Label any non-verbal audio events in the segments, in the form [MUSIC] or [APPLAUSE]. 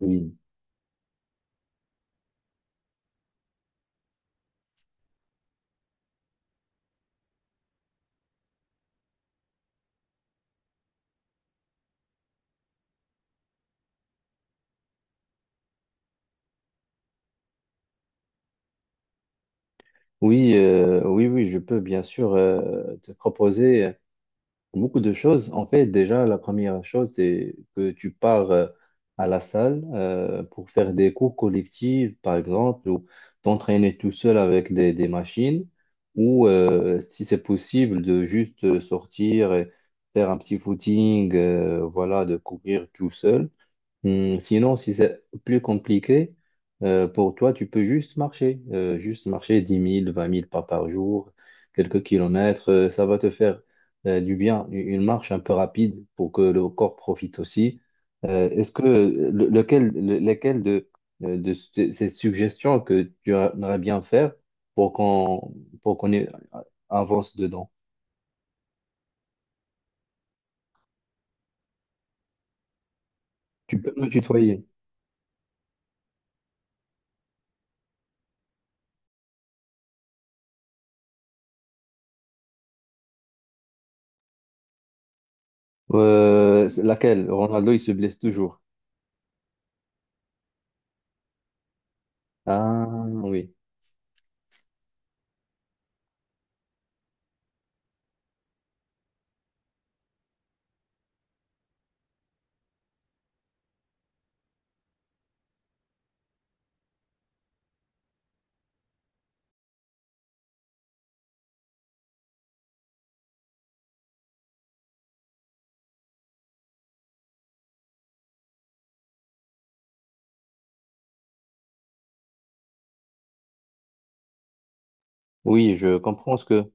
Oui, oui, oui, oui, je peux bien sûr te proposer beaucoup de choses. En fait, déjà, la première chose, c'est que tu pars à la salle pour faire des cours collectifs, par exemple, ou t'entraîner tout seul avec des machines, ou si c'est possible, de juste sortir et faire un petit footing, voilà, de courir tout seul. Sinon, si c'est plus compliqué, pour toi, tu peux juste marcher 10 000, 20 000 pas par jour, quelques kilomètres, ça va te faire du bien, une marche un peu rapide pour que le corps profite aussi. Est-ce que lequel, lesquelles de ces suggestions que tu aimerais bien faire pour qu'on pour qu'on euh, avance dedans? Tu peux me tutoyer. C'est laquelle? Ronaldo, il se blesse toujours. Ah oui. Oui,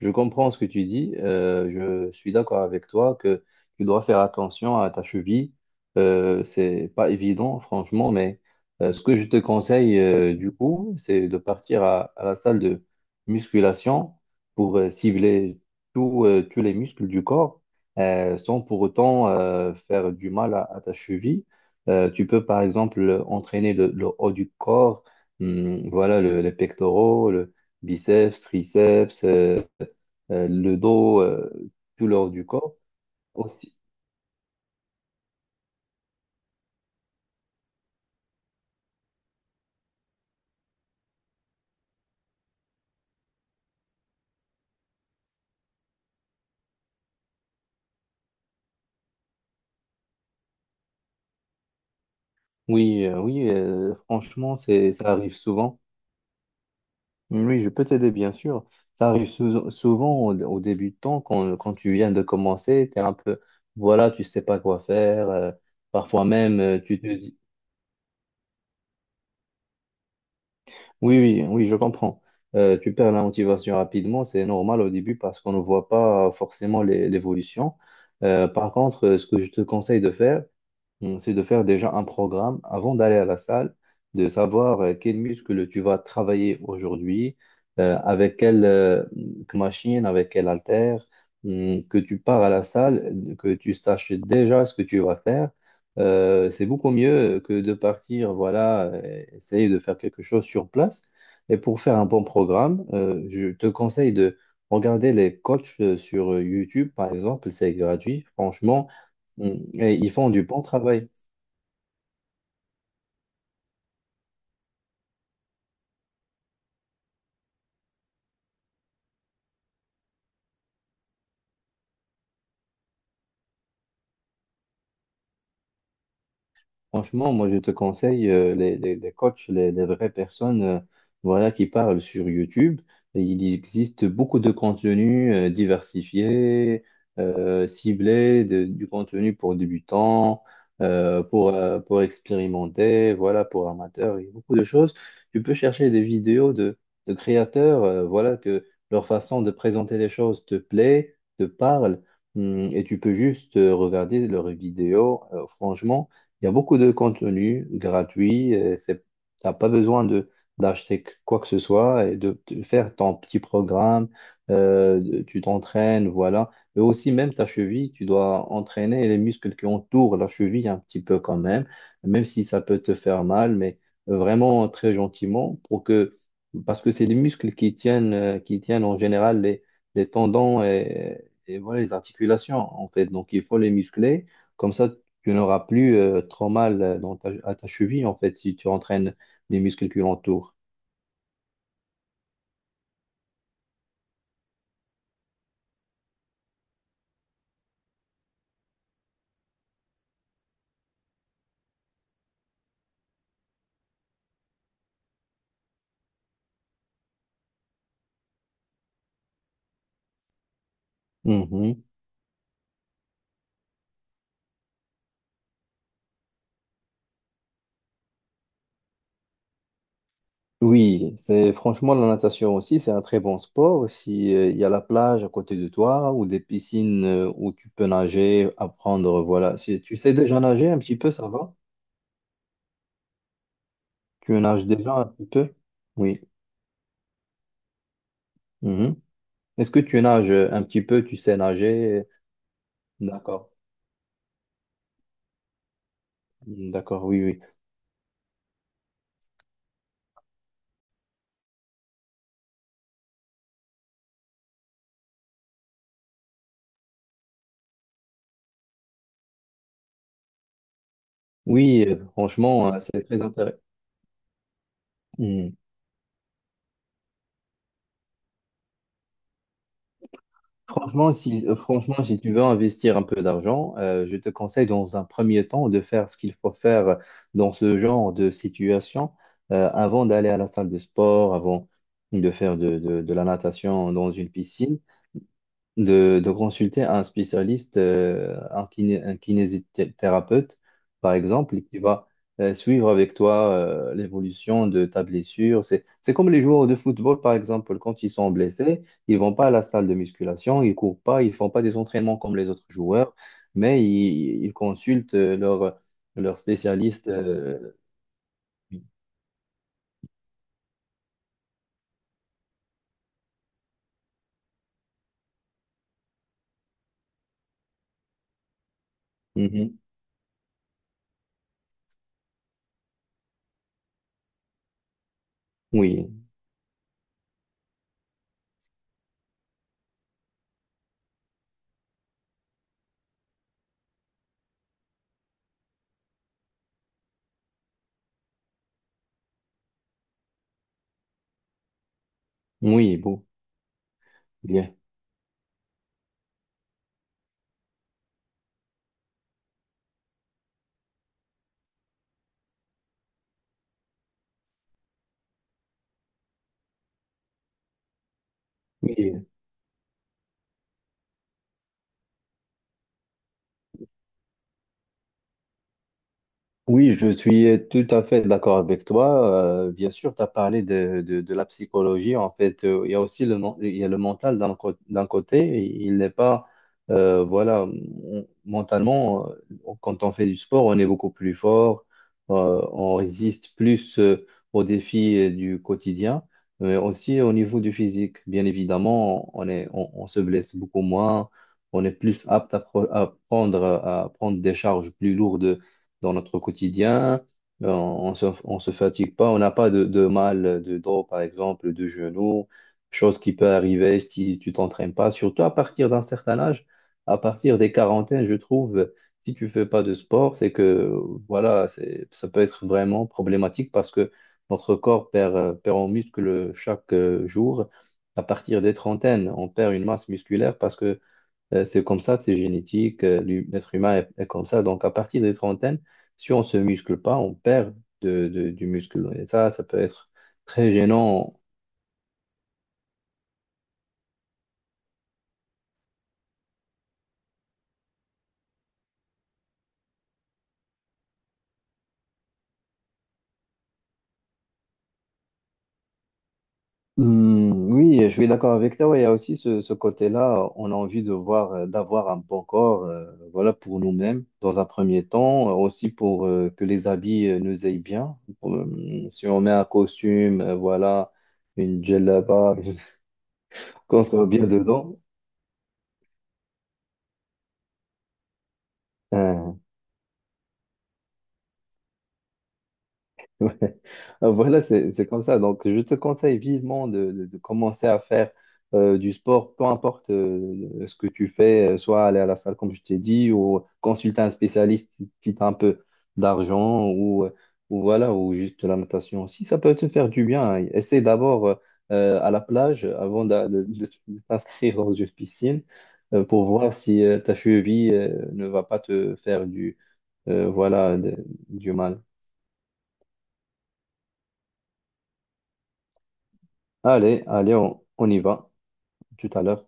je comprends ce que tu dis. Je suis d'accord avec toi que tu dois faire attention à ta cheville. C'est pas évident, franchement, mais ce que je te conseille du coup, c'est de partir à la salle de musculation pour cibler tous les muscles du corps sans pour autant faire du mal à ta cheville. Tu peux par exemple entraîner le haut du corps, voilà, les pectoraux, le biceps, triceps. Le dos, tout le haut du corps aussi. Oui, franchement, ça arrive souvent. Oui, je peux t'aider, bien sûr. Ça arrive souvent au début de temps, quand tu viens de commencer, tu es un peu, voilà, tu sais pas quoi faire. Parfois même, tu te dis, oui, oui, oui, je comprends. Tu perds la motivation rapidement, c'est normal au début parce qu'on ne voit pas forcément l'évolution. Par contre, ce que je te conseille de faire, c'est de faire déjà un programme avant d'aller à la salle, de savoir quel muscle tu vas travailler aujourd'hui, avec quelle machine, avec quel haltère, que tu pars à la salle, que tu saches déjà ce que tu vas faire. C'est beaucoup mieux que de partir, voilà, essayer de faire quelque chose sur place. Et pour faire un bon programme, je te conseille de regarder les coachs sur YouTube, par exemple, c'est gratuit, franchement, et ils font du bon travail. Franchement, moi, je te conseille les coachs, les vraies personnes voilà, qui parlent sur YouTube. Et il existe beaucoup de contenus diversifiés, ciblés, du contenu pour débutants, pour expérimenter, voilà, pour amateurs. Il y a beaucoup de choses. Tu peux chercher des vidéos de créateurs, voilà, que leur façon de présenter les choses te plaît, te parle, et tu peux juste regarder leurs vidéos. Franchement, il y a beaucoup de contenu gratuit. T'as pas besoin de d'acheter quoi que ce soit et de faire ton petit programme. Tu t'entraînes, voilà. Mais aussi même ta cheville, tu dois entraîner les muscles qui entourent la cheville un petit peu quand même, même si ça peut te faire mal, mais vraiment très gentiment pour que parce que c'est les muscles qui tiennent en général les tendons et voilà les articulations en fait. Donc il faut les muscler. Comme ça, tu n'auras plus trop mal dans à ta cheville, en fait, si tu entraînes les muscles qui l'entourent. Mhm. Oui, c'est franchement la natation aussi, c'est un très bon sport. Si il y a la plage à côté de toi ou des piscines où tu peux nager, apprendre, voilà. Si tu sais déjà nager un petit peu, ça va? Tu nages déjà un petit peu? Oui. Mhm. Est-ce que tu nages un petit peu, tu sais nager? D'accord. D'accord, oui, oui. Oui, franchement, c'est très intéressant. Mmh. Franchement, si tu veux investir un peu d'argent, je te conseille dans un premier temps de faire ce qu'il faut faire dans ce genre de situation avant d'aller à la salle de sport, avant de faire de la natation dans une piscine de consulter un spécialiste, un un kinésithérapeute, par exemple, et qui va suivre avec toi l'évolution de ta blessure. C'est comme les joueurs de football, par exemple, quand ils sont blessés, ils vont pas à la salle de musculation, ils courent pas, ils font pas des entraînements comme les autres joueurs, mais ils consultent leur spécialiste. Oui. Mhm. Oui, oui, bon, bien. Oui. Oui, je suis tout à fait d'accord avec toi. Bien sûr, tu as parlé de la psychologie. En fait, il y a aussi il y a le mental d'un côté. Il n'est pas, voilà, mentalement, quand on fait du sport, on est beaucoup plus fort. On résiste plus aux défis du quotidien, mais aussi au niveau du physique. Bien évidemment, on se blesse beaucoup moins. On est plus apte à à prendre des charges plus lourdes dans notre quotidien. On se fatigue pas, on n'a pas de mal de dos, par exemple, de genoux, chose qui peut arriver si tu t'entraînes pas, surtout à partir d'un certain âge, à partir des quarantaines, je trouve, si tu fais pas de sport, c'est que, voilà, c'est, ça peut être vraiment problématique parce que notre corps perd en muscle chaque jour. À partir des trentaines, on perd une masse musculaire parce que c'est comme ça, c'est génétique, l'être humain est comme ça. Donc, à partir des trentaines, si on se muscle pas, on perd du muscle. Et ça peut être très gênant. Oui, je suis d'accord avec toi. Ouais, il y a aussi ce côté-là, on a envie d'avoir un bon corps, voilà, pour nous-mêmes, dans un premier temps, aussi pour que les habits nous aillent bien. Euh, Si on met un costume, voilà, une djellaba, [LAUGHS] qu'on soit bien dedans. euh, [LAUGHS] Ouais. Voilà, c'est comme ça. Donc, je te conseille vivement de commencer à faire du sport, peu importe ce que tu fais, soit aller à la salle, comme je t'ai dit, ou consulter un spécialiste si tu as un peu d'argent, ou voilà, ou juste de la natation aussi. Ça peut te faire du bien, hein. Essaie d'abord à la plage avant de t'inscrire dans une piscine pour voir si ta cheville ne va pas te faire euh, voilà, de- du mal. Allez, allez, on y va tout à l'heure.